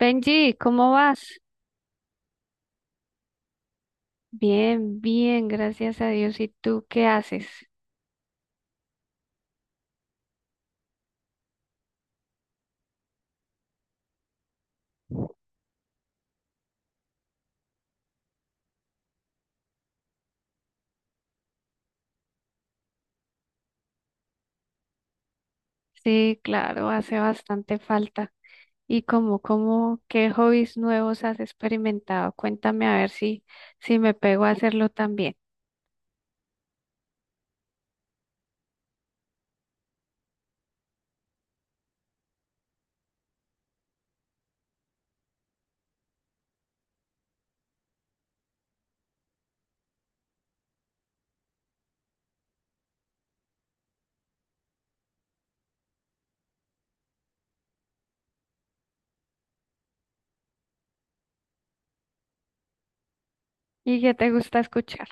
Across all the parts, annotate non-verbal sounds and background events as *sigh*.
Benji, ¿cómo vas? Bien, bien, gracias a Dios. ¿Y tú qué haces? Sí, claro, hace bastante falta. ¿Y qué hobbies nuevos has experimentado? Cuéntame a ver si me pego a hacerlo también. ¿Y qué te gusta escuchar?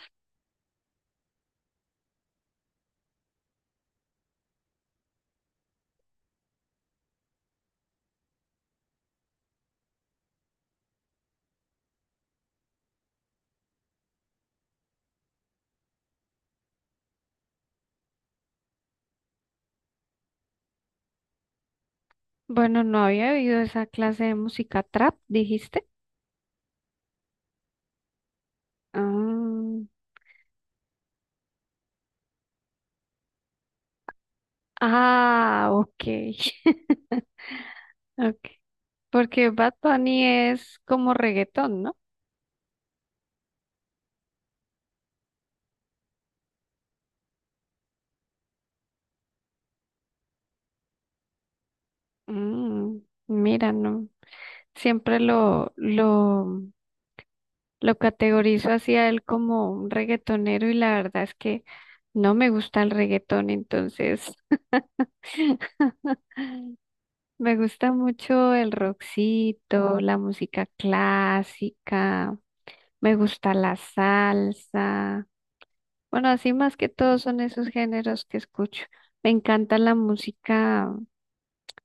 Bueno, no había oído esa clase de música trap, dijiste. Ah, ah, ok. *laughs* Ok. Porque Bad Bunny es como reggaetón, ¿no? Mm, mira, no. Siempre lo categorizo así a él como un reggaetonero y la verdad es que no me gusta el reggaetón, entonces *laughs* me gusta mucho el rockcito, la música clásica, me gusta la salsa. Bueno, así más que todo son esos géneros que escucho. Me encanta la música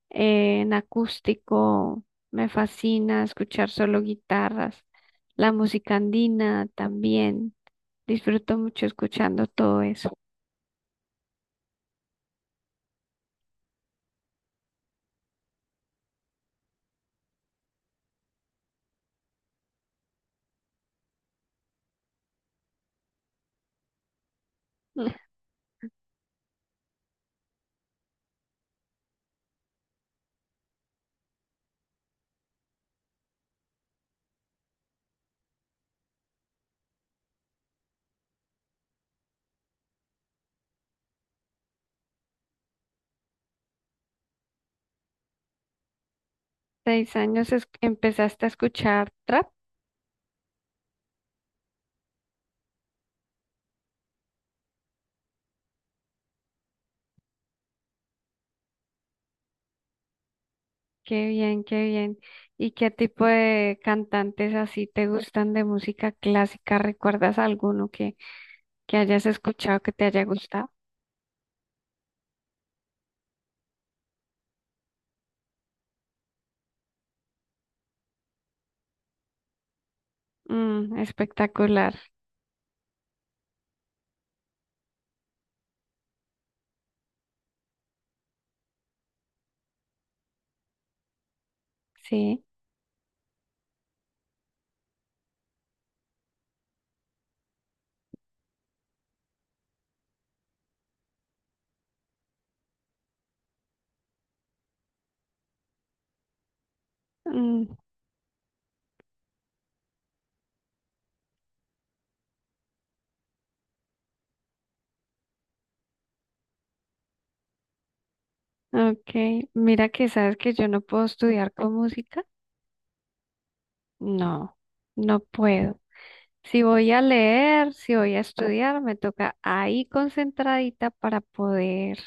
en acústico, me fascina escuchar solo guitarras, la música andina también, disfruto mucho escuchando todo eso. *laughs* Seis años empezaste a escuchar trap, qué bien, qué bien. ¿Y qué tipo de cantantes así te gustan de música clásica? ¿Recuerdas alguno que hayas escuchado que te haya gustado? Mm, espectacular, sí. Mm, ok, mira que sabes que yo no puedo estudiar con música. No, no puedo. Si voy a leer, si voy a estudiar, me toca ahí concentradita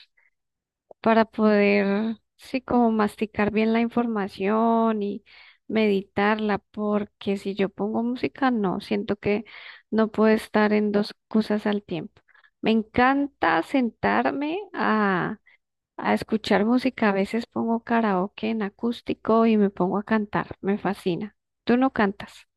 para poder, sí, como masticar bien la información y meditarla, porque si yo pongo música, no, siento que no puedo estar en dos cosas al tiempo. Me encanta sentarme a escuchar música. A veces pongo karaoke en acústico y me pongo a cantar. Me fascina. ¿Tú no cantas?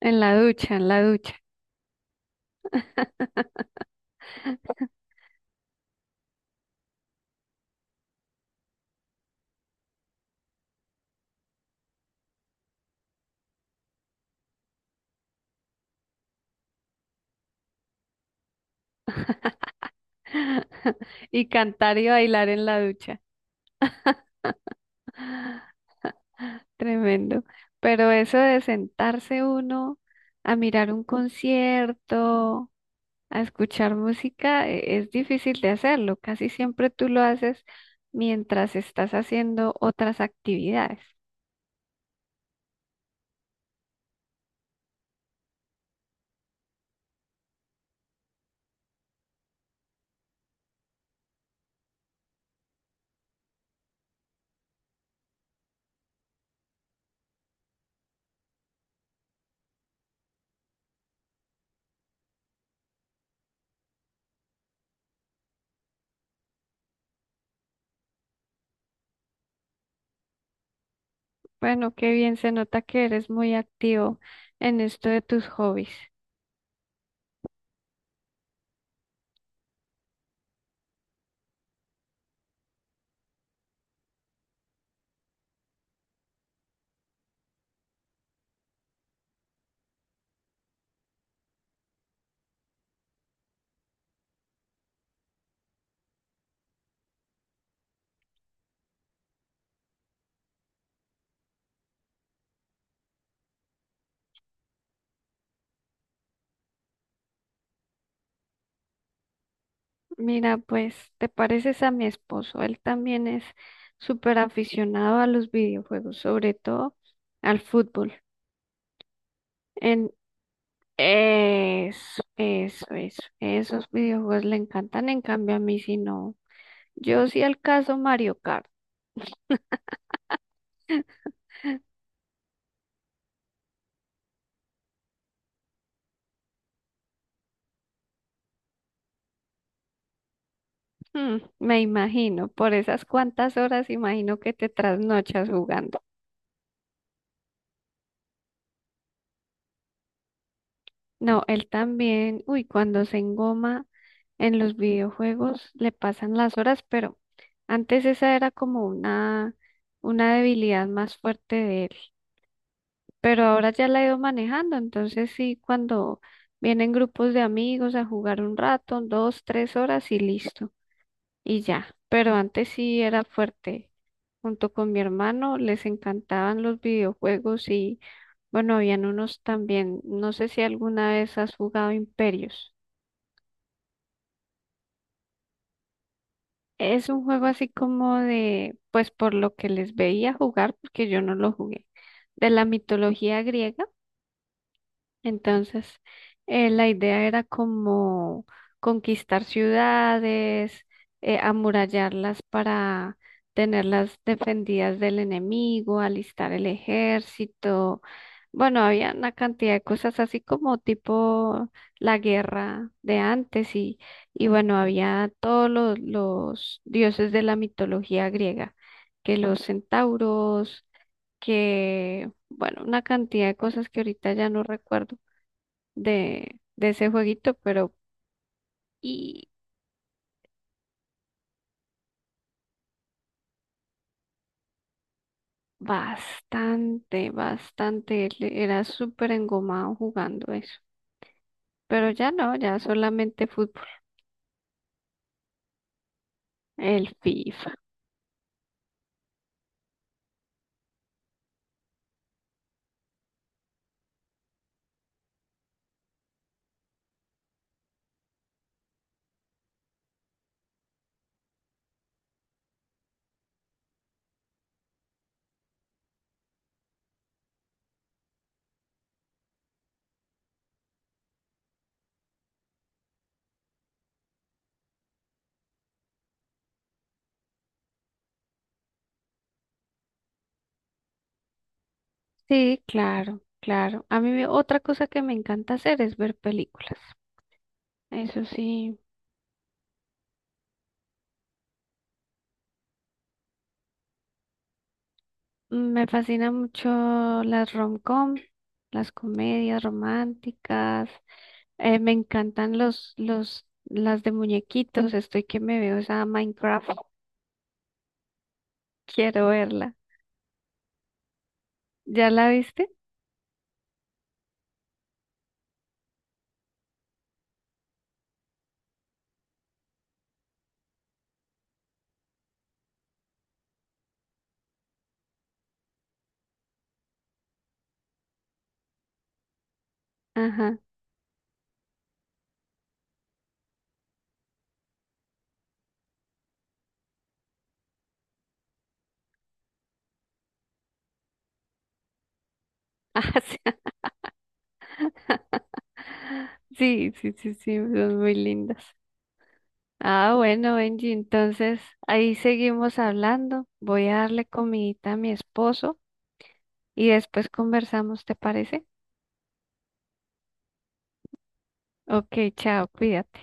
En la ducha, en la ducha. *laughs* Y cantar y bailar en la ducha. *gasps* Tremendo. Pero eso de sentarse uno a mirar un concierto, a escuchar música, es difícil de hacerlo. Casi siempre tú lo haces mientras estás haciendo otras actividades. Bueno, qué bien se nota que eres muy activo en esto de tus hobbies. Mira, pues te pareces a mi esposo. Él también es súper aficionado a los videojuegos, sobre todo al fútbol. En eso. Esos videojuegos le encantan, en cambio a mí sí no. Yo sí al caso Mario Kart. *laughs* Mm, me imagino, por esas cuantas horas imagino que te trasnochas jugando. No, él también, uy, cuando se engoma en los videojuegos le pasan las horas, pero antes esa era como una debilidad más fuerte de él, pero ahora ya la he ido manejando, entonces sí, cuando vienen grupos de amigos a jugar un rato, dos, tres horas y listo, y ya, pero antes sí era fuerte. Junto con mi hermano les encantaban los videojuegos y bueno, habían unos también. No sé si alguna vez has jugado Imperios. Es un juego así como de, pues por lo que les veía jugar, porque yo no lo jugué, de la mitología griega. Entonces, la idea era como conquistar ciudades, amurallarlas para tenerlas defendidas del enemigo, alistar el ejército. Bueno, había una cantidad de cosas así como tipo la guerra de antes y bueno, había todos los dioses de la mitología griega, que los centauros, que, bueno, una cantidad de cosas que ahorita ya no recuerdo de ese jueguito, pero y bastante, bastante, él era súper engomado jugando eso. Pero ya no, ya solamente fútbol, el FIFA. Sí, claro, claro. A mí me- otra cosa que me encanta hacer es ver películas. Eso sí, mm, me fascina mucho las rom-com, las comedias románticas. Me encantan las de muñequitos. Estoy que me veo esa Minecraft. *laughs* Quiero verla. ¿Ya la viste? Ajá. *laughs* Ah, sí, sí, sí, sí, sí, son muy lindas. Ah, bueno, Benji, entonces ahí seguimos hablando. Voy a darle comidita a mi esposo y después conversamos, ¿te parece? Ok, chao, cuídate.